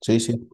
Sí, sí.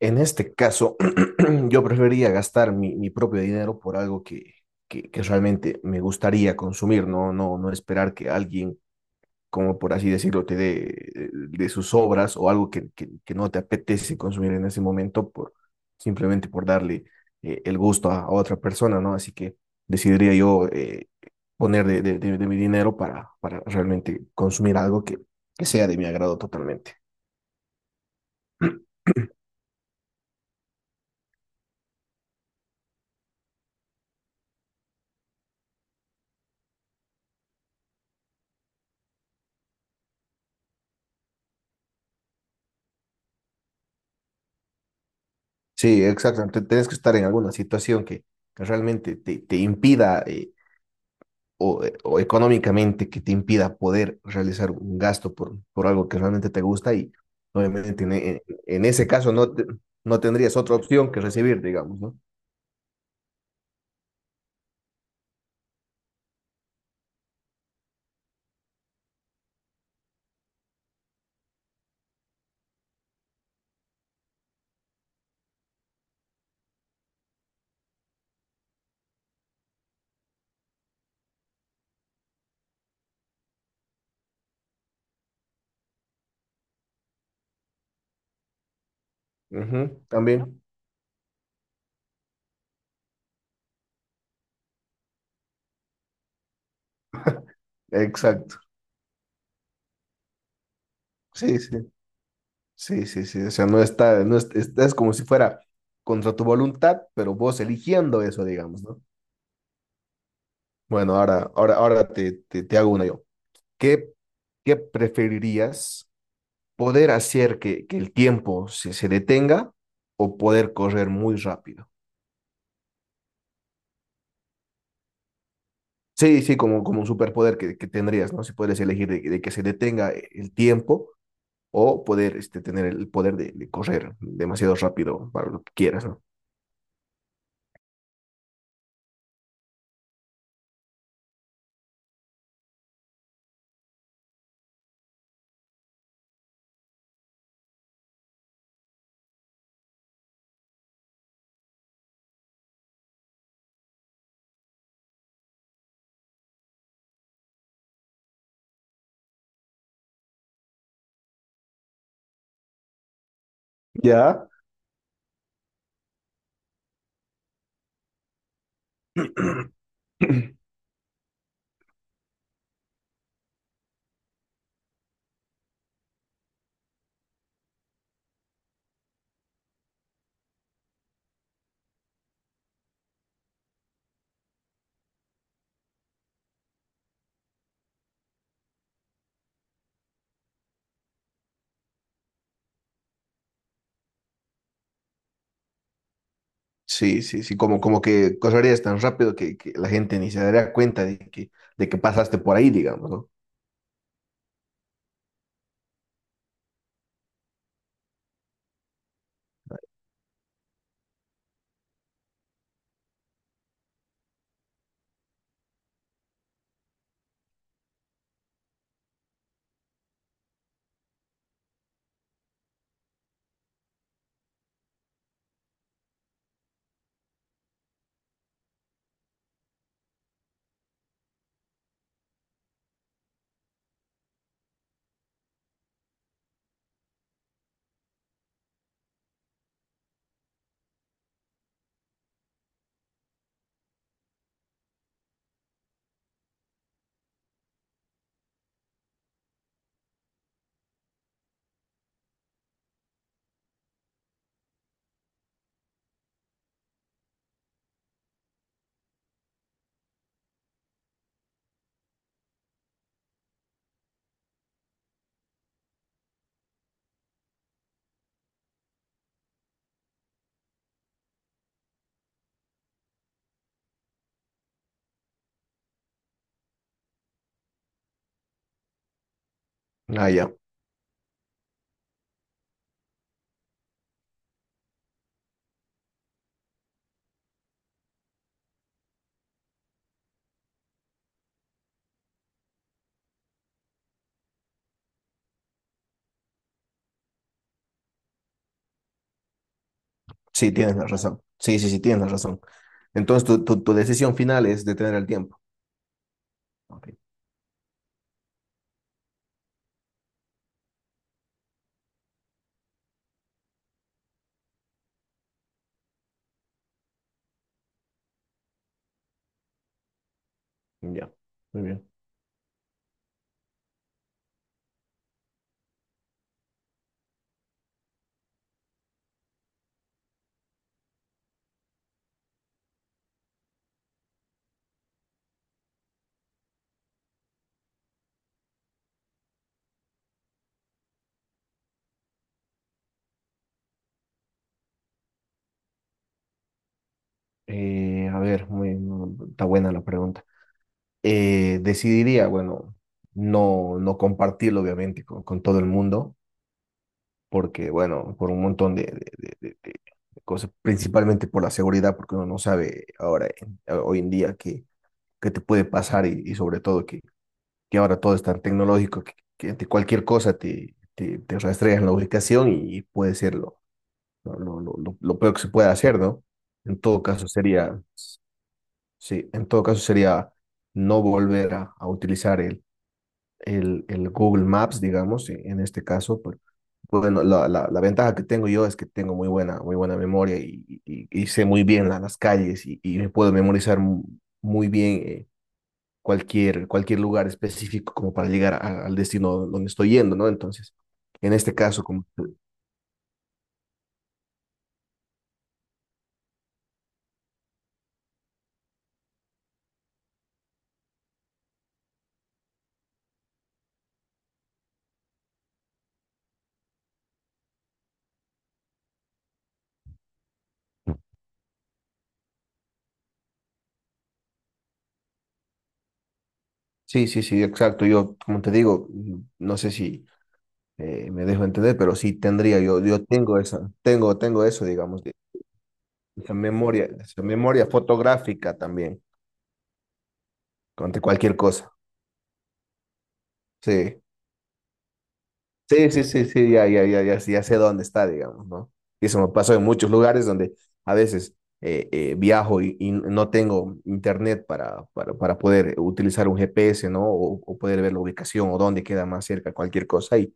En este caso, yo preferiría gastar mi propio dinero por algo que realmente me gustaría consumir, ¿no? No esperar que alguien, como por así decirlo, te dé de sus obras o algo que no te apetece consumir en ese momento por simplemente por darle el gusto a otra persona, ¿no? Así que decidiría yo poner de mi dinero para realmente consumir algo que sea de mi agrado totalmente. Sí, exacto. Tienes que estar en alguna situación que realmente te, te impida o económicamente que te impida poder realizar un gasto por algo que realmente te gusta y obviamente en ese caso no tendrías otra opción que recibir, digamos, ¿no? Ujú, también. Exacto. Sí, sí. Sí, sí, sí. O sea, no está, no es, es como si fuera contra tu voluntad, pero vos eligiendo eso, digamos, ¿no? Bueno, ahora te hago una yo. ¿Qué, qué preferirías? ¿Poder hacer que el tiempo se detenga o poder correr muy rápido? Sí, sí, como, como un superpoder que tendrías, ¿no? Si puedes elegir de que se detenga el tiempo o poder este, tener el poder de correr demasiado rápido para lo que quieras, ¿no? Ya. Sí, sí, sí, como, como que correrías tan rápido que la gente ni se daría cuenta de que pasaste por ahí, digamos, ¿no? Ah, ya. Sí, tienes la razón. Sí, sí, sí, tienes la razón. Entonces, tu decisión final es detener el tiempo. Ok, ya, muy bien. A ver, muy, no, está buena la pregunta. Decidiría, bueno, no compartirlo, obviamente, con todo el mundo, porque, bueno, por un montón de cosas, principalmente por la seguridad, porque uno no sabe ahora, hoy en día, qué, qué te puede pasar y sobre todo, que ahora todo es tan tecnológico que ante cualquier cosa te, te, te rastrean la ubicación y puede ser lo peor que se puede hacer, ¿no? En todo caso sería, sí, en todo caso sería no volver a utilizar el Google Maps, digamos, en este caso, bueno, la ventaja que tengo yo es que tengo muy buena memoria y, y sé muy bien las calles y me puedo memorizar muy bien cualquier, cualquier lugar específico como para llegar al destino donde estoy yendo, ¿no? Entonces, en este caso, como... Sí, sí, sí, exacto. Yo, como te digo, no sé si me dejo entender, pero sí tendría, yo tengo esa, tengo, tengo eso, digamos, esa memoria fotográfica también, ante cualquier cosa. Sí. Sí, sí, sí, sí, ya, ya, ya, ya, sí ya sé dónde está, digamos, ¿no? Y eso me pasó en muchos lugares donde a veces viajo y no tengo internet para poder utilizar un GPS, ¿no? O poder ver la ubicación o dónde queda más cerca cualquier cosa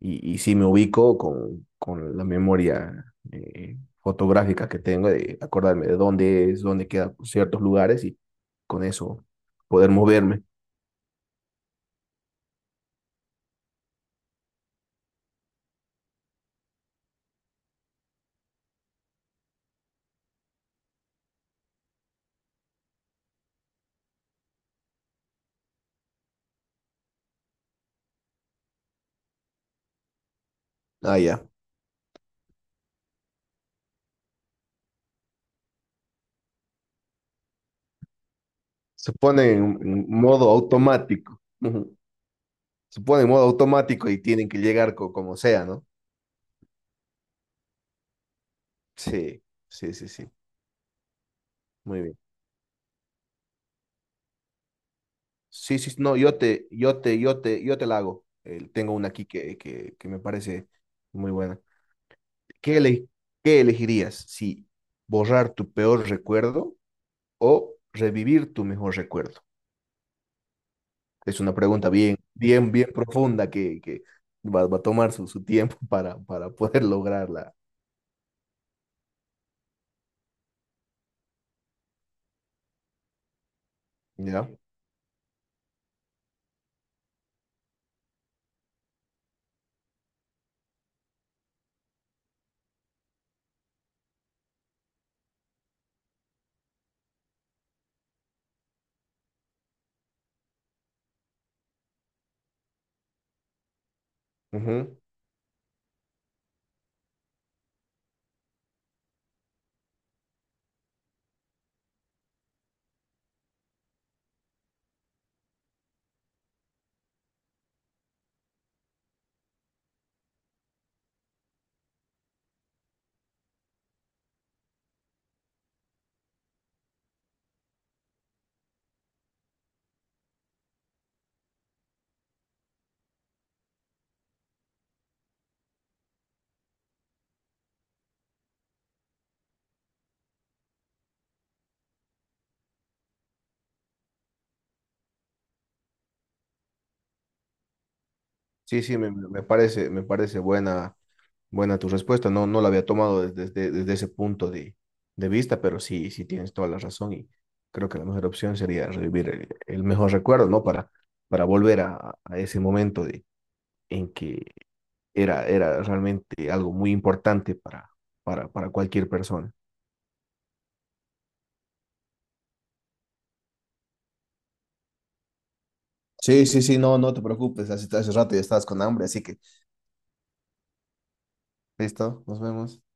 y sí me ubico con la memoria fotográfica que tengo de acordarme de dónde es, dónde quedan ciertos lugares y con eso poder moverme. Ah, ya. Se pone en modo automático. Se pone en modo automático y tienen que llegar como sea, ¿no? Sí, sí, sí, sí. Muy bien. Sí, sí, no, yo te la hago. Tengo una aquí que me parece muy buena. ¿Qué, qué elegirías? Si borrar tu peor recuerdo o revivir tu mejor recuerdo. Es una pregunta bien, bien, bien profunda que va, va a tomar su, su tiempo para poder lograrla. ¿Ya? Ujú. Sí, sí, me parece buena Buena tu respuesta, no, no la había tomado desde, desde, desde ese punto de vista, pero sí, sí tienes toda la razón y creo que la mejor opción sería revivir el mejor recuerdo, ¿no? Para volver a ese momento de, en que era, era realmente algo muy importante para cualquier persona. Sí, sí, sí, no, no te preocupes, hace, hace rato ya estabas con hambre, así que listo, nos vemos.